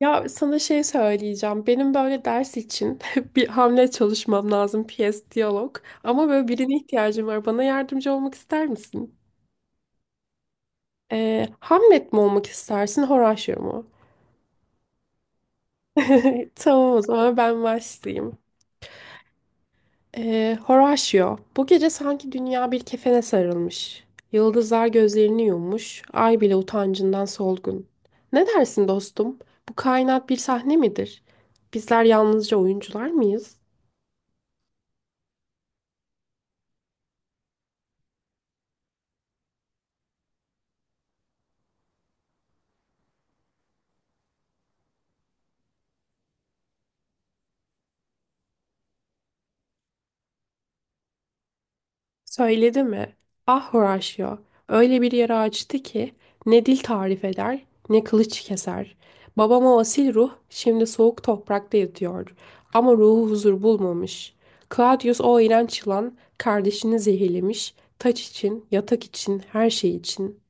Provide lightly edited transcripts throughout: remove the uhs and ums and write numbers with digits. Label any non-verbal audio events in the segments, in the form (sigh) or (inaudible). Ya sana şey söyleyeceğim. Benim böyle ders için (laughs) bir Hamlet çalışmam lazım. Piyes, diyalog. Ama böyle birine ihtiyacım var. Bana yardımcı olmak ister misin? Hamlet mi olmak istersin, Horatio mu? (laughs) Tamam o zaman ben başlayayım. Horatio, bu gece sanki dünya bir kefene sarılmış. Yıldızlar gözlerini yummuş, ay bile utancından solgun. Ne dersin dostum? Bu kainat bir sahne midir? Bizler yalnızca oyuncular mıyız? Söyledi mi? Ah Horatio, öyle bir yara açtı ki ne dil tarif eder ne kılıç keser. Babam o asil ruh şimdi soğuk toprakta yatıyor ama ruhu huzur bulmamış. Claudius o iğrenç yılan kardeşini zehirlemiş, taç için, yatak için, her şey için.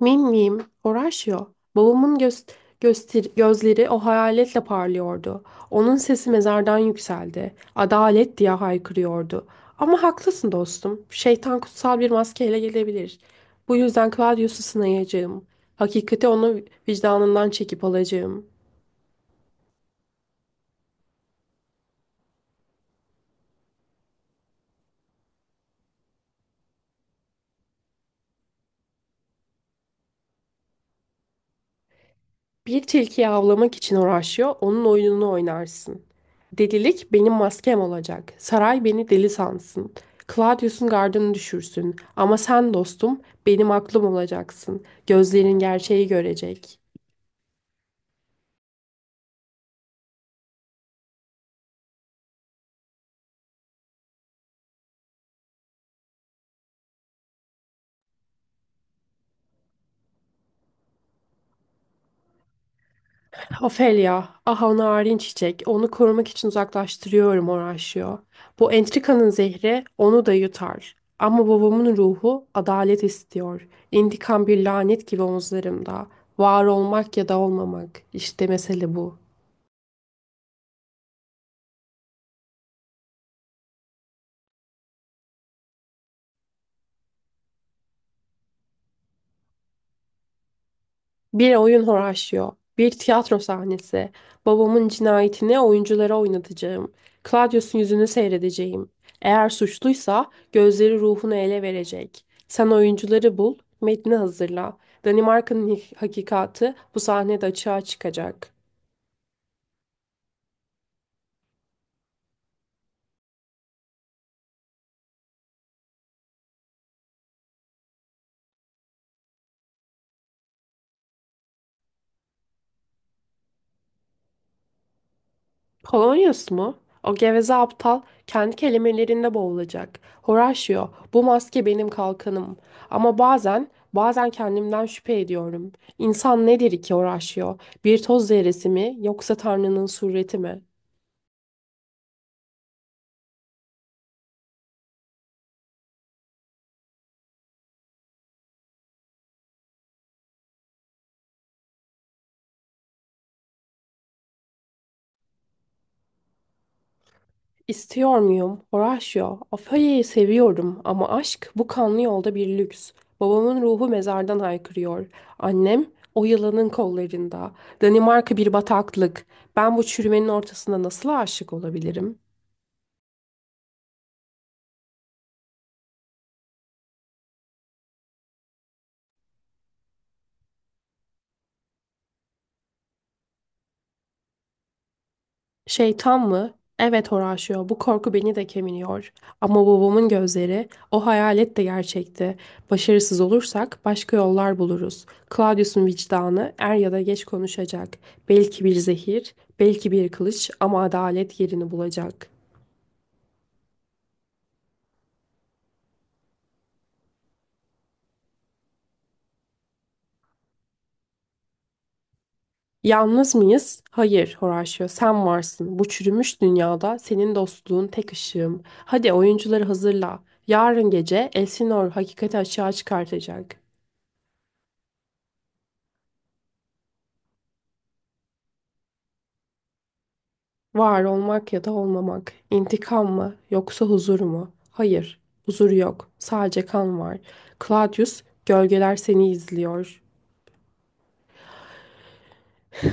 Emin miyim? Horatio. Babamın göz, gözleri o hayaletle parlıyordu. Onun sesi mezardan yükseldi. Adalet diye haykırıyordu. Ama haklısın dostum. Şeytan kutsal bir maskeyle gelebilir. Bu yüzden Claudius'u sınayacağım. Hakikati onu vicdanından çekip alacağım. Bir tilkiyi avlamak için uğraşıyor, onun oyununu oynarsın. Delilik benim maskem olacak. Saray beni deli sansın. Claudius'un gardını düşürsün. Ama sen dostum, benim aklım olacaksın. Gözlerin gerçeği görecek. Ofelia, aha narin çiçek, onu korumak için uzaklaştırıyorum uğraşıyor. Bu entrikanın zehri onu da yutar. Ama babamın ruhu adalet istiyor. İntikam bir lanet gibi omuzlarımda. Var olmak ya da olmamak, işte mesele bu. Bir oyun horaşyo, bir tiyatro sahnesi, babamın cinayetini oyunculara oynatacağım, Claudius'un yüzünü seyredeceğim. Eğer suçluysa gözleri ruhunu ele verecek. Sen oyuncuları bul, metni hazırla. Hakikati bu sahnede açığa çıkacak. Polonyus mu? O geveze aptal kendi kelimelerinde boğulacak. Horatio, bu maske benim kalkanım. Ama bazen, kendimden şüphe ediyorum. İnsan nedir ki Horatio? Bir toz zerresi mi yoksa Tanrı'nın sureti mi? İstiyor muyum Horatio? Ofelia'yı seviyorum ama aşk bu kanlı yolda bir lüks. Babamın ruhu mezardan haykırıyor. Annem o yılanın kollarında. Danimarka bir bataklık. Ben bu çürümenin ortasında nasıl aşık olabilirim? Şeytan mı? Evet Horacio, bu korku beni de kemiriyor. Ama babamın gözleri, o hayalet de gerçekti. Başarısız olursak başka yollar buluruz. Claudius'un vicdanı er ya da geç konuşacak. Belki bir zehir, belki bir kılıç ama adalet yerini bulacak. Yalnız mıyız? Hayır Horacio, sen varsın. Bu çürümüş dünyada senin dostluğun tek ışığım. Hadi oyuncuları hazırla. Yarın gece Elsinor hakikati açığa çıkartacak. Var olmak ya da olmamak. İntikam mı yoksa huzur mu? Hayır, huzur yok. Sadece kan var. Claudius, gölgeler seni izliyor.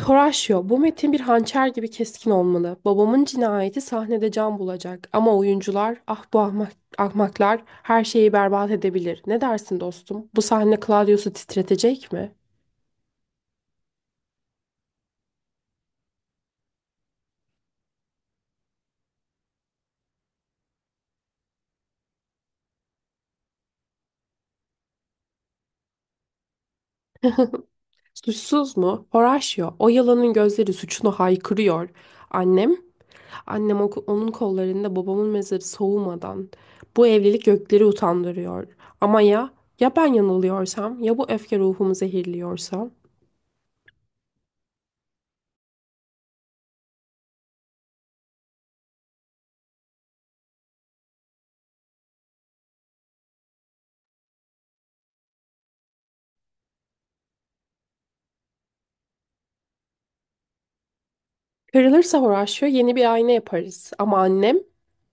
Horatio, bu metin bir hançer gibi keskin olmalı. Babamın cinayeti sahnede can bulacak. Ama oyuncular, ah bu ahmaklar her şeyi berbat edebilir. Ne dersin dostum? Bu sahne Claudius'u titretecek mi? Suçsuz mu? Horatio, o yılanın gözleri suçunu haykırıyor. Annem Onun kollarında babamın mezarı soğumadan. Bu evlilik gökleri utandırıyor. Ama ya ben yanılıyorsam ya bu öfke ruhumu zehirliyorsa? Kırılırsa Horatio yeni bir ayna yaparız. Ama annem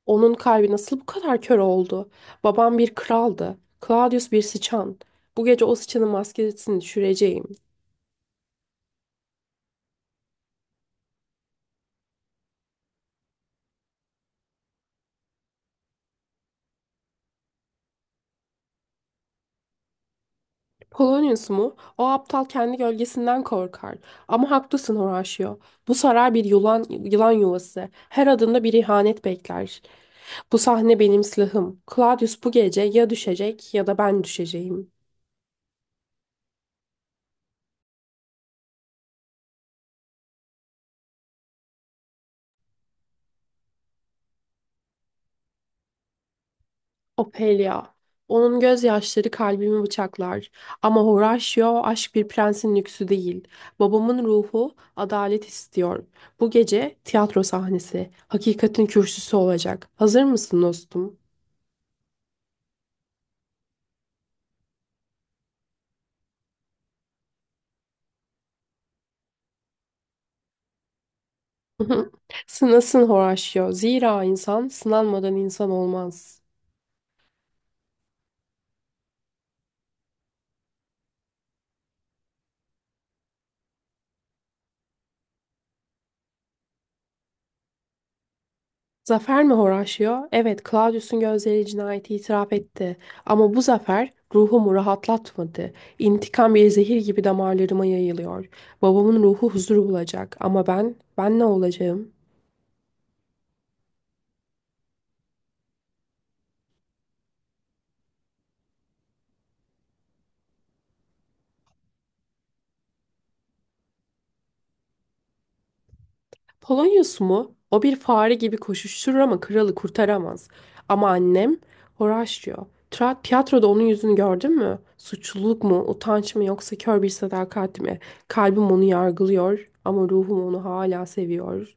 onun kalbi nasıl bu kadar kör oldu? Babam bir kraldı. Claudius bir sıçan. Bu gece o sıçanın maskesini düşüreceğim. Polonius mu? O aptal kendi gölgesinden korkar. Ama haklısın Horatio. Bu saray bir yılan yuvası. Her adımda bir ihanet bekler. Bu sahne benim silahım. Claudius bu gece ya düşecek ya da ben düşeceğim. Ophelia. Onun gözyaşları kalbimi bıçaklar. Ama Horatio aşk bir prensin lüksü değil. Babamın ruhu adalet istiyor. Bu gece tiyatro sahnesi. Hakikatin kürsüsü olacak. Hazır mısın dostum? (laughs) Sınasın Horatio. Zira insan sınanmadan insan olmaz. Zafer mi Horatio? Evet, Claudius'un gözleri cinayeti itiraf etti. Ama bu zafer ruhumu rahatlatmadı. İntikam bir zehir gibi damarlarıma yayılıyor. Babamın ruhu huzur bulacak. Ama ben, ne olacağım? Polonyus mu? O bir fare gibi koşuşturur ama kralı kurtaramaz. Ama annem Horatio. Tiyatroda onun yüzünü gördün mü? Suçluluk mu, utanç mı yoksa kör bir sadakat mi? Kalbim onu yargılıyor ama ruhum onu hala seviyor.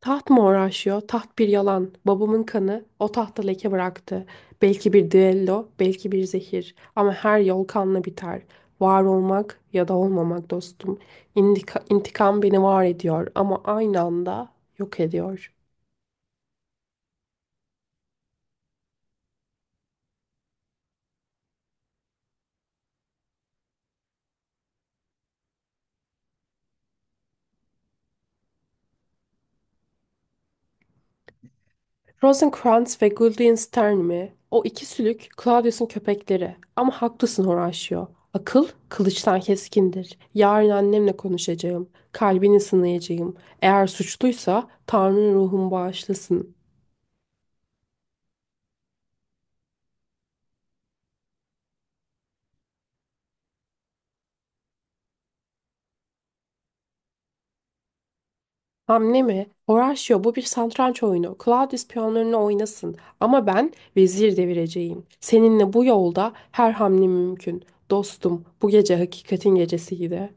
Taht mı uğraşıyor? Taht bir yalan. Babamın kanı o tahta leke bıraktı. Belki bir düello, belki bir zehir. Ama her yol kanla biter. Var olmak ya da olmamak dostum. İntikam beni var ediyor ama aynı anda yok ediyor. Rosencrantz ve Guildenstern mi? O iki sülük Claudius'un köpekleri. Ama haklısın Horatio. Akıl kılıçtan keskindir. Yarın annemle konuşacağım. Kalbini sınayacağım. Eğer suçluysa Tanrı'nın ruhumu bağışlasın. Hamle mi? Horatio bu bir satranç oyunu. Claudius piyonlarını oynasın. Ama ben vezir devireceğim. Seninle bu yolda her hamle mümkün. Dostum, bu gece hakikatin gecesiydi.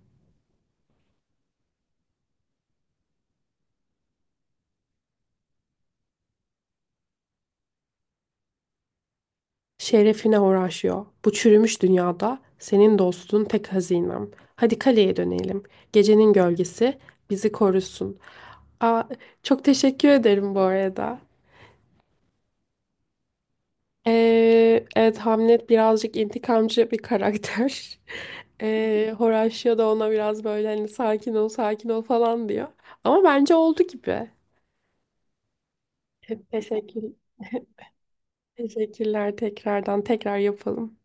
Şerefine uğraşıyor. Bu çürümüş dünyada senin dostun tek hazinem. Hadi kaleye dönelim. Gecenin gölgesi bizi korusun. Aa, Çok teşekkür ederim bu arada. Evet Hamlet birazcık intikamcı bir karakter. (laughs) Horatio da ona biraz böyle hani sakin ol sakin ol falan diyor. Ama bence oldu gibi. Teşekkür, (laughs) teşekkürler tekrardan tekrar yapalım.